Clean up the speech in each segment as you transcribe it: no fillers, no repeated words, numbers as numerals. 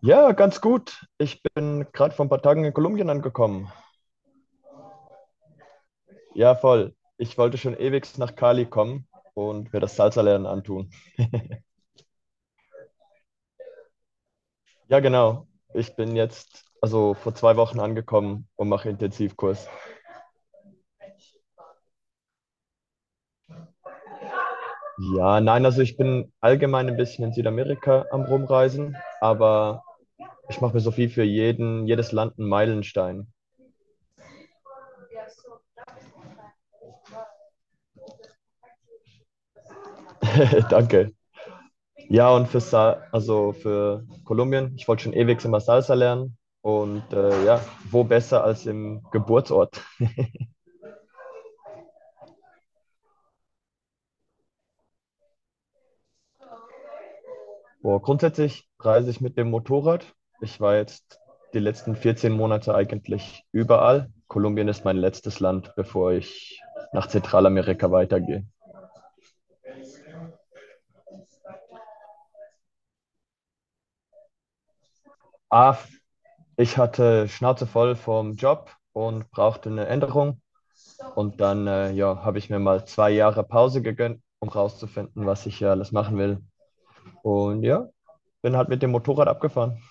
Ja, ganz gut. Ich bin gerade vor ein paar Tagen in Kolumbien angekommen. Ja, voll. Ich wollte schon ewig nach Cali kommen und mir das Salsa-Lernen antun. Ja, genau. Ich bin jetzt also vor 2 Wochen angekommen und mache Intensivkurs. Ja, nein, also ich bin allgemein ein bisschen in Südamerika am Rumreisen, aber ich mache mir so viel für jedes Land einen Meilenstein. Danke. Ja, und für, Sa also für Kolumbien, ich wollte schon ewig immer Salsa lernen. Und ja, wo besser als im Geburtsort? Boah, grundsätzlich reise ich mit dem Motorrad. Ich war jetzt die letzten 14 Monate eigentlich überall. Kolumbien ist mein letztes Land, bevor ich nach Zentralamerika weitergehe. Ah, ich hatte Schnauze voll vom Job und brauchte eine Änderung. Und dann ja, habe ich mir mal 2 Jahre Pause gegönnt, um rauszufinden, was ich ja alles machen will. Und ja, bin halt mit dem Motorrad abgefahren.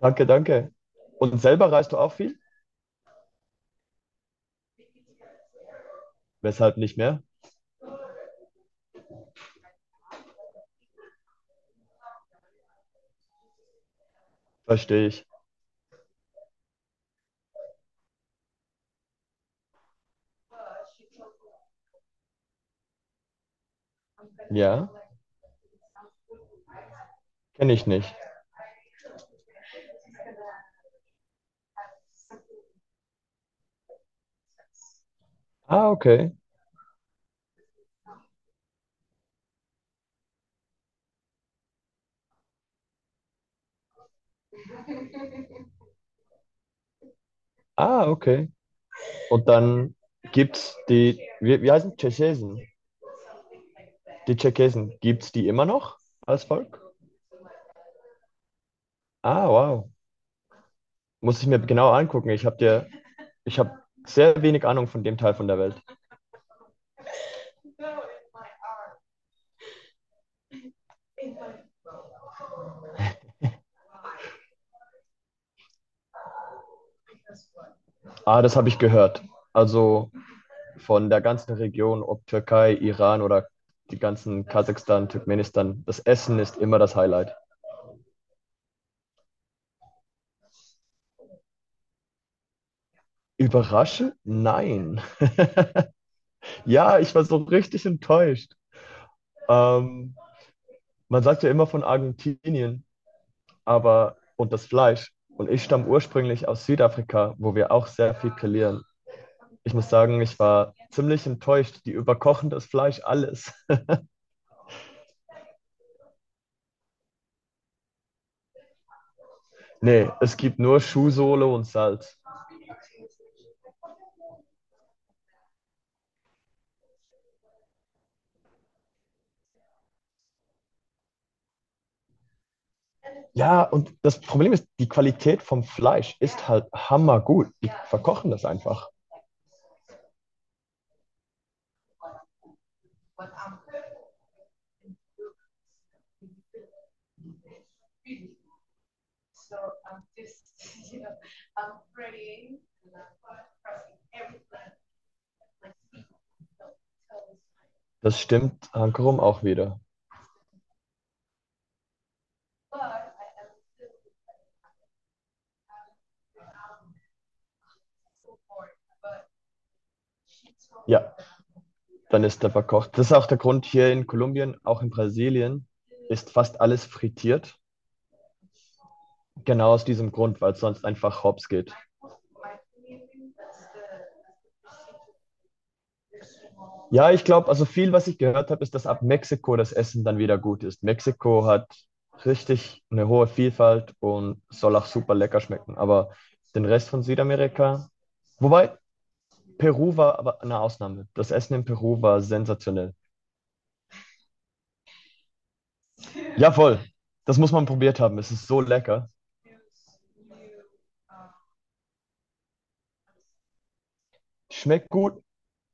Danke, danke. Und selber reist du auch viel? Weshalb nicht mehr? Verstehe ich. Ja, kenne ich nicht. Ah, okay. Ah, okay. Und dann gibt's die, wie heißen Tschechesen? Die Tschechesen, gibt's die immer noch als Volk? Ah, wow. Muss ich mir genau angucken. Ich habe sehr wenig Ahnung von dem Teil von der Welt. Ah, das habe ich gehört. Also von der ganzen Region, ob Türkei, Iran oder die ganzen Kasachstan, Turkmenistan, das Essen ist immer das Highlight. Überraschend? Nein. Ja, ich war so richtig enttäuscht. Ähm, Man sagt ja immer von Argentinien, aber und das Fleisch. Und ich stamme ursprünglich aus Südafrika, wo wir auch sehr viel grillieren. Ich muss sagen, ich war ziemlich enttäuscht. Die überkochen das Fleisch alles. Nee, es gibt nur Schuhsohle und Salz. Ja, und das Problem ist, die Qualität vom Fleisch ist halt hammergut. Die verkochen das einfach. Das stimmt Hankerum auch wieder. Ja, dann ist der verkocht. Das ist auch der Grund hier in Kolumbien, auch in Brasilien, ist fast alles frittiert. Genau aus diesem Grund, weil es sonst einfach hops geht. Ja, ich glaube, also viel, was ich gehört habe, ist, dass ab Mexiko das Essen dann wieder gut ist. Mexiko hat richtig eine hohe Vielfalt und soll auch super lecker schmecken. Aber den Rest von Südamerika. Wobei, Peru war aber eine Ausnahme. Das Essen in Peru war sensationell. Ja, voll. Das muss man probiert haben. Es ist so lecker. Schmeckt gut,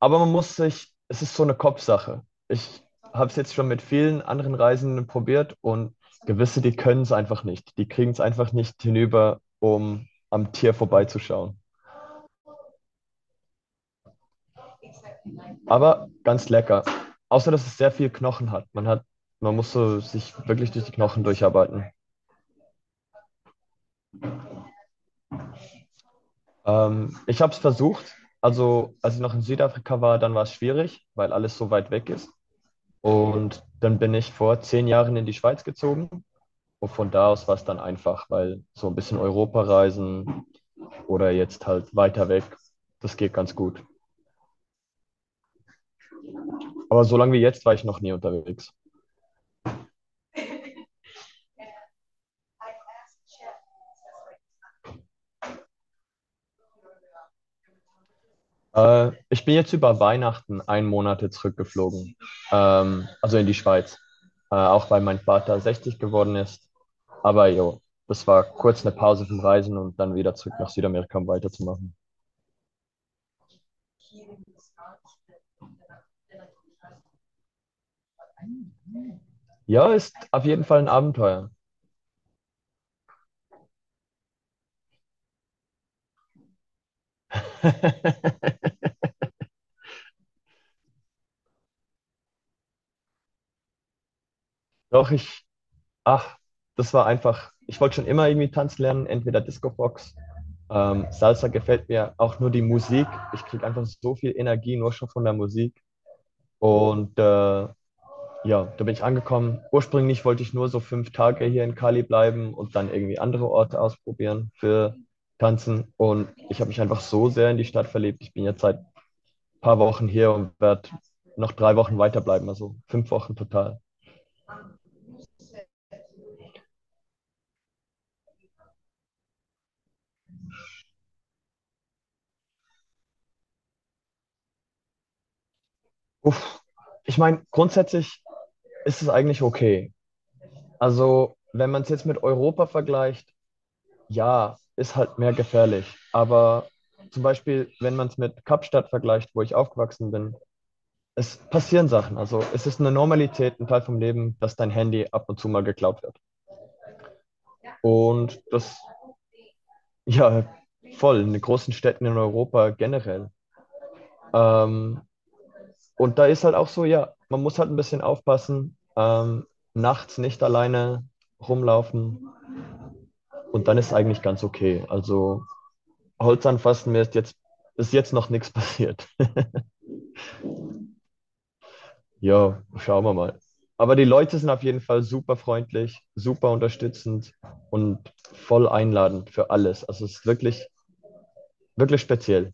aber man muss sich, es ist so eine Kopfsache. Ich habe es jetzt schon mit vielen anderen Reisenden probiert und gewisse, die können es einfach nicht. Die kriegen es einfach nicht hinüber, um am Tier vorbeizuschauen. Aber ganz lecker. Außer, dass es sehr viel Knochen hat. Man muss so sich wirklich durch die Knochen durcharbeiten. Ich habe es versucht. Also, als ich noch in Südafrika war, dann war es schwierig, weil alles so weit weg ist. Und dann bin ich vor 10 Jahren in die Schweiz gezogen. Und von da aus war es dann einfach, weil so ein bisschen Europa reisen oder jetzt halt weiter weg, das geht ganz gut. Aber so lange wie jetzt war ich noch nie unterwegs. Ich bin jetzt über Weihnachten einen Monat zurückgeflogen, also in die Schweiz. Auch weil mein Vater 60 geworden ist. Aber jo, das war kurz eine Pause vom Reisen und dann wieder zurück nach Südamerika, um weiterzumachen. Ja, ist auf jeden Fall ein Abenteuer. Doch ach, das war einfach, ich wollte schon immer irgendwie tanzen lernen, entweder Discobox. Salsa gefällt mir auch nur die Musik. Ich kriege einfach so viel Energie nur schon von der Musik. Und ja, da bin ich angekommen. Ursprünglich wollte ich nur so 5 Tage hier in Cali bleiben und dann irgendwie andere Orte ausprobieren für Tanzen. Und ich habe mich einfach so sehr in die Stadt verliebt. Ich bin jetzt seit ein paar Wochen hier und werde noch 3 Wochen weiterbleiben, also 5 Wochen total. Uff. Ich meine, grundsätzlich ist es eigentlich okay. Also, wenn man es jetzt mit Europa vergleicht, ja, ist halt mehr gefährlich. Aber zum Beispiel, wenn man es mit Kapstadt vergleicht, wo ich aufgewachsen bin, es passieren Sachen. Also es ist eine Normalität, ein Teil vom Leben, dass dein Handy ab und zu mal geklaut wird. Und das, ja, voll, in den großen Städten in Europa generell. Ähm, und da ist halt auch so, ja, man muss halt ein bisschen aufpassen, nachts nicht alleine rumlaufen und dann ist es eigentlich ganz okay. Also Holz anfassen, mir ist jetzt noch nichts passiert. Ja, schauen wir mal. Aber die Leute sind auf jeden Fall super freundlich, super unterstützend und voll einladend für alles. Also es ist wirklich, wirklich speziell.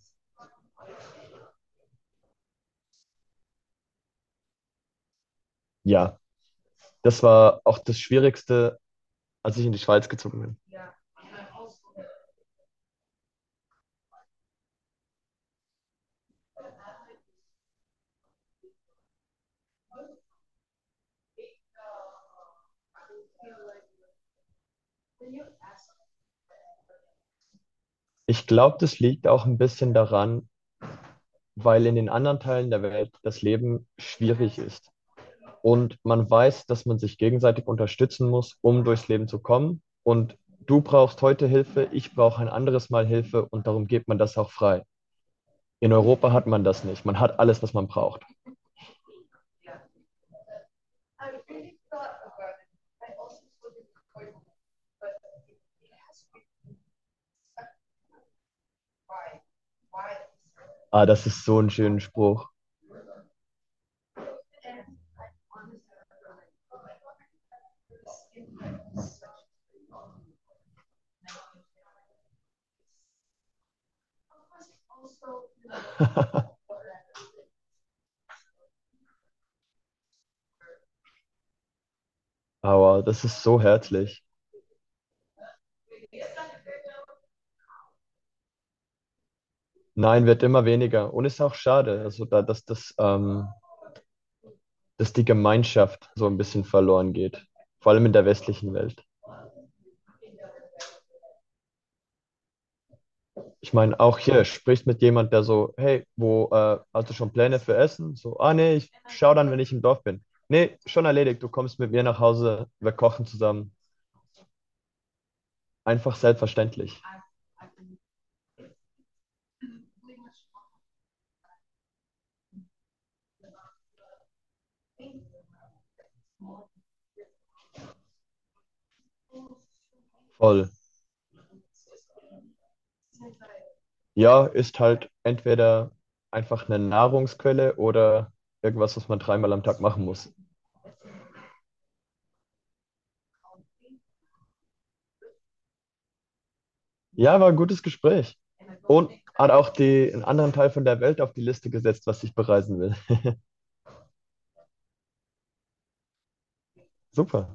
Ja, das war auch das Schwierigste, als ich in die Schweiz gezogen bin. Ich glaube, das liegt auch ein bisschen daran, weil in den anderen Teilen der Welt das Leben schwierig ist. Und man weiß, dass man sich gegenseitig unterstützen muss, um durchs Leben zu kommen. Und du brauchst heute Hilfe, ich brauche ein anderes Mal Hilfe und darum geht man das auch frei. In Europa hat man das nicht. Man hat alles, was man braucht. Ah, das ist so ein schöner Spruch. Aber das ist so herzlich. Nein, wird immer weniger. Und ist auch schade, also dass die Gemeinschaft so ein bisschen verloren geht. Vor allem in der westlichen Welt. Ich meine, auch hier sprichst mit jemand, der so, hey, wo, hast du schon Pläne für Essen? So, ah nee, ich schau dann, wenn ich im Dorf bin. Nee, schon erledigt. Du kommst mit mir nach Hause, wir kochen zusammen. Einfach selbstverständlich. Voll. Ja, ist halt entweder einfach eine Nahrungsquelle oder irgendwas, was man dreimal am Tag machen muss. Ja, war ein gutes Gespräch. Und hat auch einen anderen Teil von der Welt auf die Liste gesetzt, was ich bereisen will. Super.